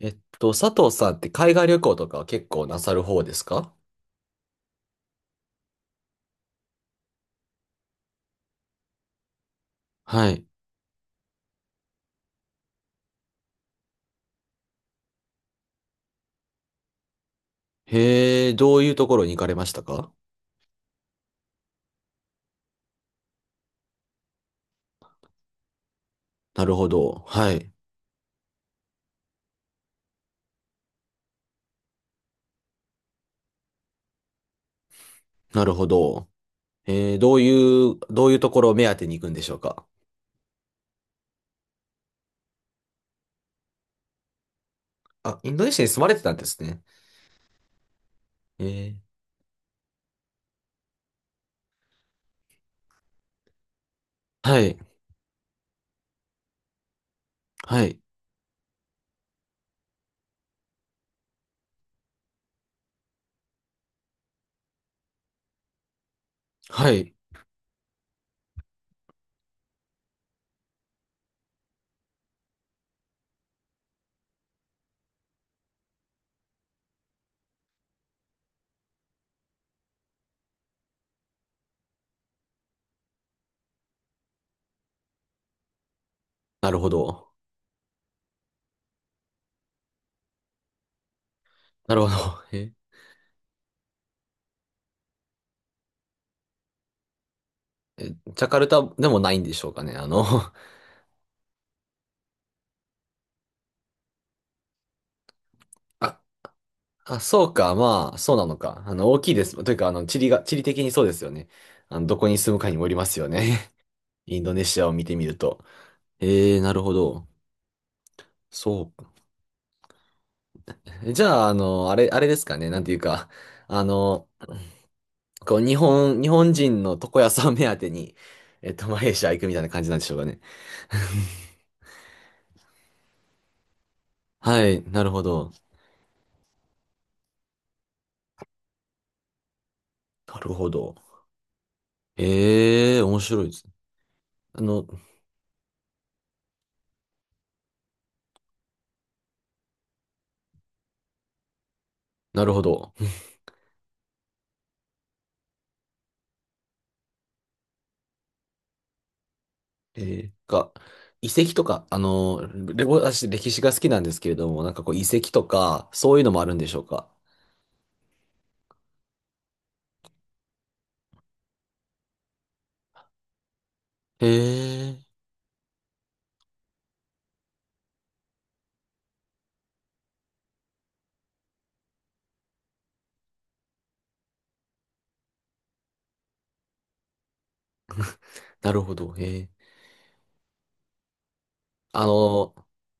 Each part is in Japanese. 佐藤さんって海外旅行とかは結構なさる方ですか？はい。へえ、どういうところに行かれましたか？なるほど。はい。なるほど。どういうところを目当てに行くんでしょうか？あ、インドネシアに住まれてたんですね。えー、はい。はい。はい。なるほど。なるほど。ええ、ジャカルタでもないんでしょうかね。あ、あ、そうか、まあ、そうなのか。大きいです。というか、地理が、地理的にそうですよね。どこに住むかにもよりますよね。インドネシアを見てみると。えー、なるほど。そうか。じゃあ、あれ、あれですかね。なんていうか、あの、こう、日本、日本人の床屋さん目当てに、マレーシア行くみたいな感じなんでしょうかね。はい、なるほど。なるほど。えー、面白いです。あの、なるほど。えー、か、遺跡とか、レゴ、私、歴史が好きなんですけれども、なんかこう、遺跡とか、そういうのもあるんでしょうか。えー、なるほど。あの、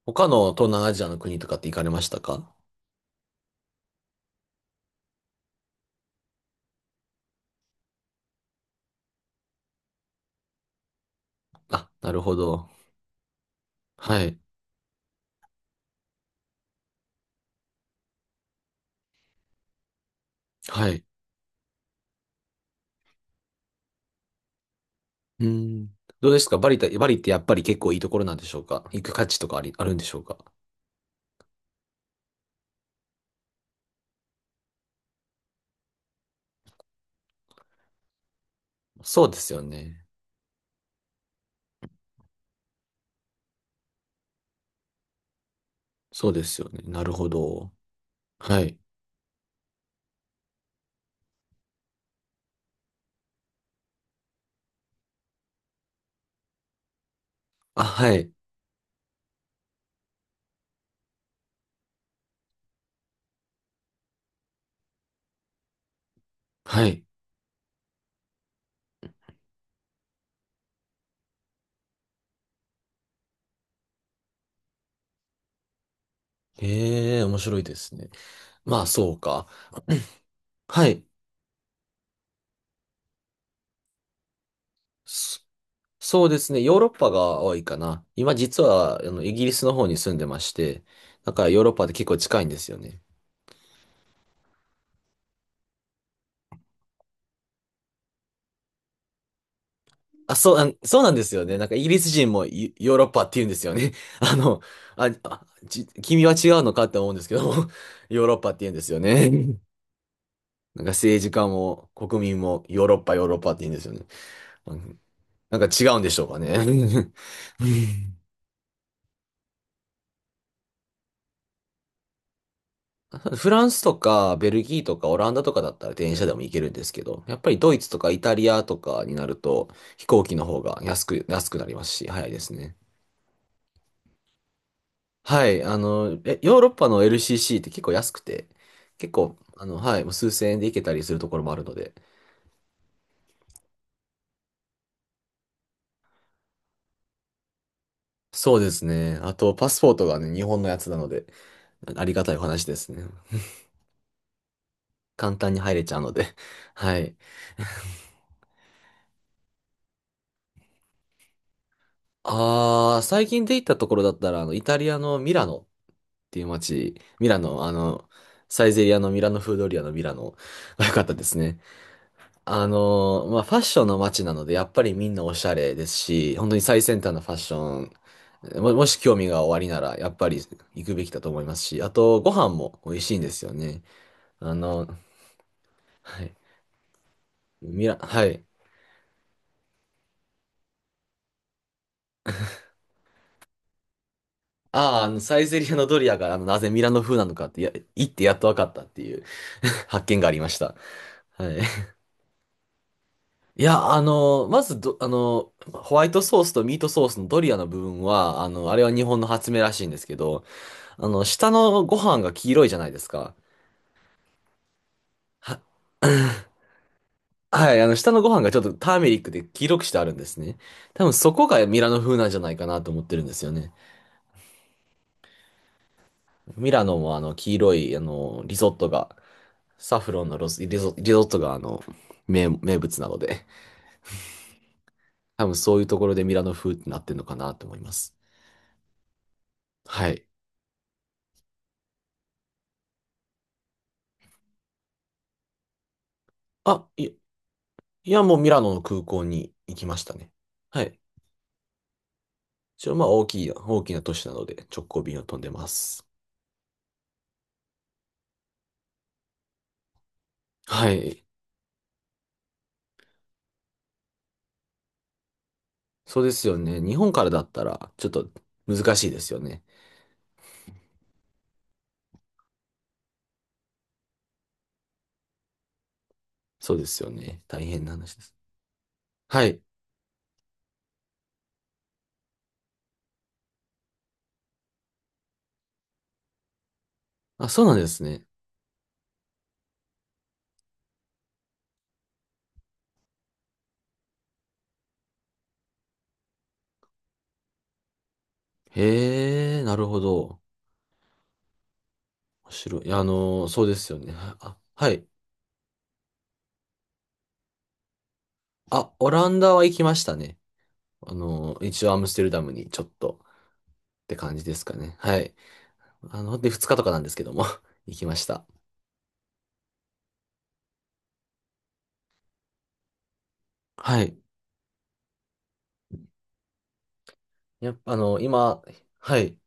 他の東南アジアの国とかって行かれましたか？あ、なるほど。はい。はい。うん。どうですかバリって、バリってやっぱり結構いいところなんでしょうか、行く価値とかあり、あるんでしょうか？そうですよね。そうですよね。なるほど。はい。あ、はい。はい。ええ、面白いですね。まあ、そうか。はい。そそうですね。ヨーロッパが多いかな。今実は、イギリスの方に住んでまして、だからヨーロッパで結構近いんですよね。あ、そう、あそうなんですよね。なんかイギリス人もヨーロッパって言うんですよね。あの、あ、あち、君は違うのかって思うんですけど、ヨーロッパって言うんですよね。うん。なんか政治家も国民もヨーロッパ、ヨーロッパって言うんですよね。うん。なんか違うんでしょうかね。うん。フランスとかベルギーとかオランダとかだったら電車でも行けるんですけど、やっぱりドイツとかイタリアとかになると飛行機の方が安く、安くなりますし、早いですね。はい、ヨーロッパの LCC って結構安くて、結構、はい、もう数千円で行けたりするところもあるので。そうですね。あと、パスポートがね、日本のやつなので、ありがたいお話ですね。簡単に入れちゃうので。はい。ああ、最近で行ったところだったら、イタリアのミラノっていう街、ミラノ、サイゼリアのミラノフードリアのミラノが良 かったですね。まあ、ファッションの街なので、やっぱりみんなおしゃれですし、本当に最先端のファッション、も、もし興味がおありなら、やっぱり行くべきだと思いますし、あと、ご飯も美味しいんですよね。あの、はい。ミラ、はい。ああ、サイゼリアのドリアが、なぜミラノ風なのかって、や、行ってやっと分かったっていう 発見がありました。はい。いや、まずど、ホワイトソースとミートソースのドリアの部分は、あれは日本の発明らしいんですけど、下のご飯が黄色いじゃないですか。は、はい、下のご飯がちょっとターメリックで黄色くしてあるんですね。多分そこがミラノ風なんじゃないかなと思ってるんですよね。ミラノも黄色い、リゾットが、サフロンのロス、リゾ、リゾットが名、名物なので、多分そういうところでミラノ風ってなってるのかなと思います。はい。あ、い、いや、もうミラノの空港に行きましたね。はい。一応まあ大きい、大きな都市なので直行便を飛んでます。はい。そうですよね。日本からだったら、ちょっと難しいですよね。そうですよね。大変な話です。はい。あ、そうなんですね。へえ、なるほど。面白い。いやそうですよね。あ、はい。あ、オランダは行きましたね。一応アムステルダムにちょっとって感じですかね。はい。あの、で、2日とかなんですけども 行きました。はい。やっぱ、今、はい。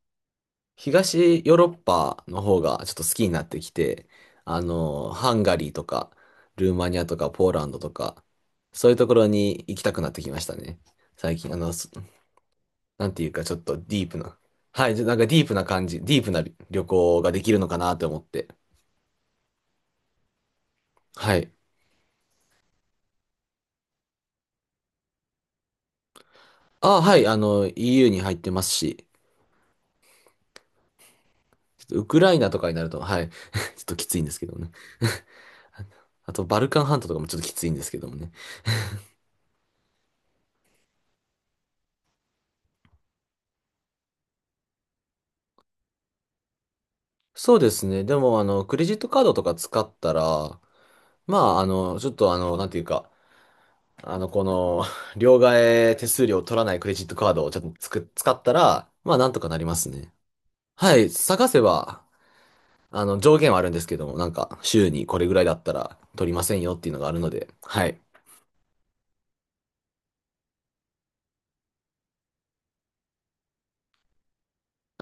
東ヨーロッパの方がちょっと好きになってきて、ハンガリーとか、ルーマニアとか、ポーランドとか、そういうところに行きたくなってきましたね。最近、なんていうか、ちょっとディープな。はい、じゃなんかディープな感じ、ディープな旅行ができるのかなと思って。はい。あ、はい、EU に入ってますし、ちょっとウクライナとかになると、はい、ちょっときついんですけどね。あと、バルカン半島とかもちょっときついんですけどもね。そうですね。でも、クレジットカードとか使ったら、まあ、ちょっとなんていうか、あの、この、両替手数料を取らないクレジットカードをちょっとつく、使ったら、まあ、なんとかなりますね。はい、探せば、上限はあるんですけども、なんか、週にこれぐらいだったら取りませんよっていうのがあるので、はい。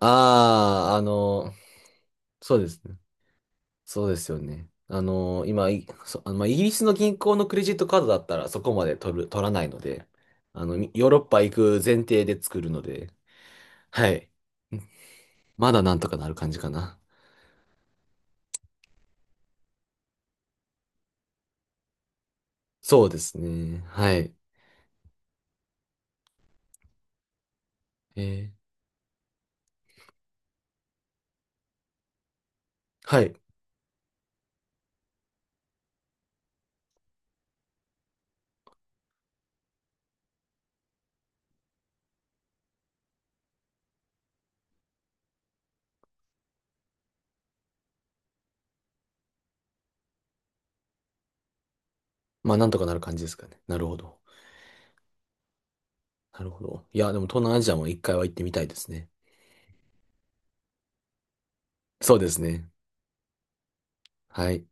ああ、そうですね。そうですよね。今、いそ、あのまあ、イギリスの銀行のクレジットカードだったらそこまで取る、取らないので、ヨーロッパ行く前提で作るので、はい。まだなんとかなる感じかな。そうですね。はい。えーはい。まあ、なんとかなる感じですかね。なるほど。なるほど。いや、でも東南アジアも一回は行ってみたいですね。そうですね。はい。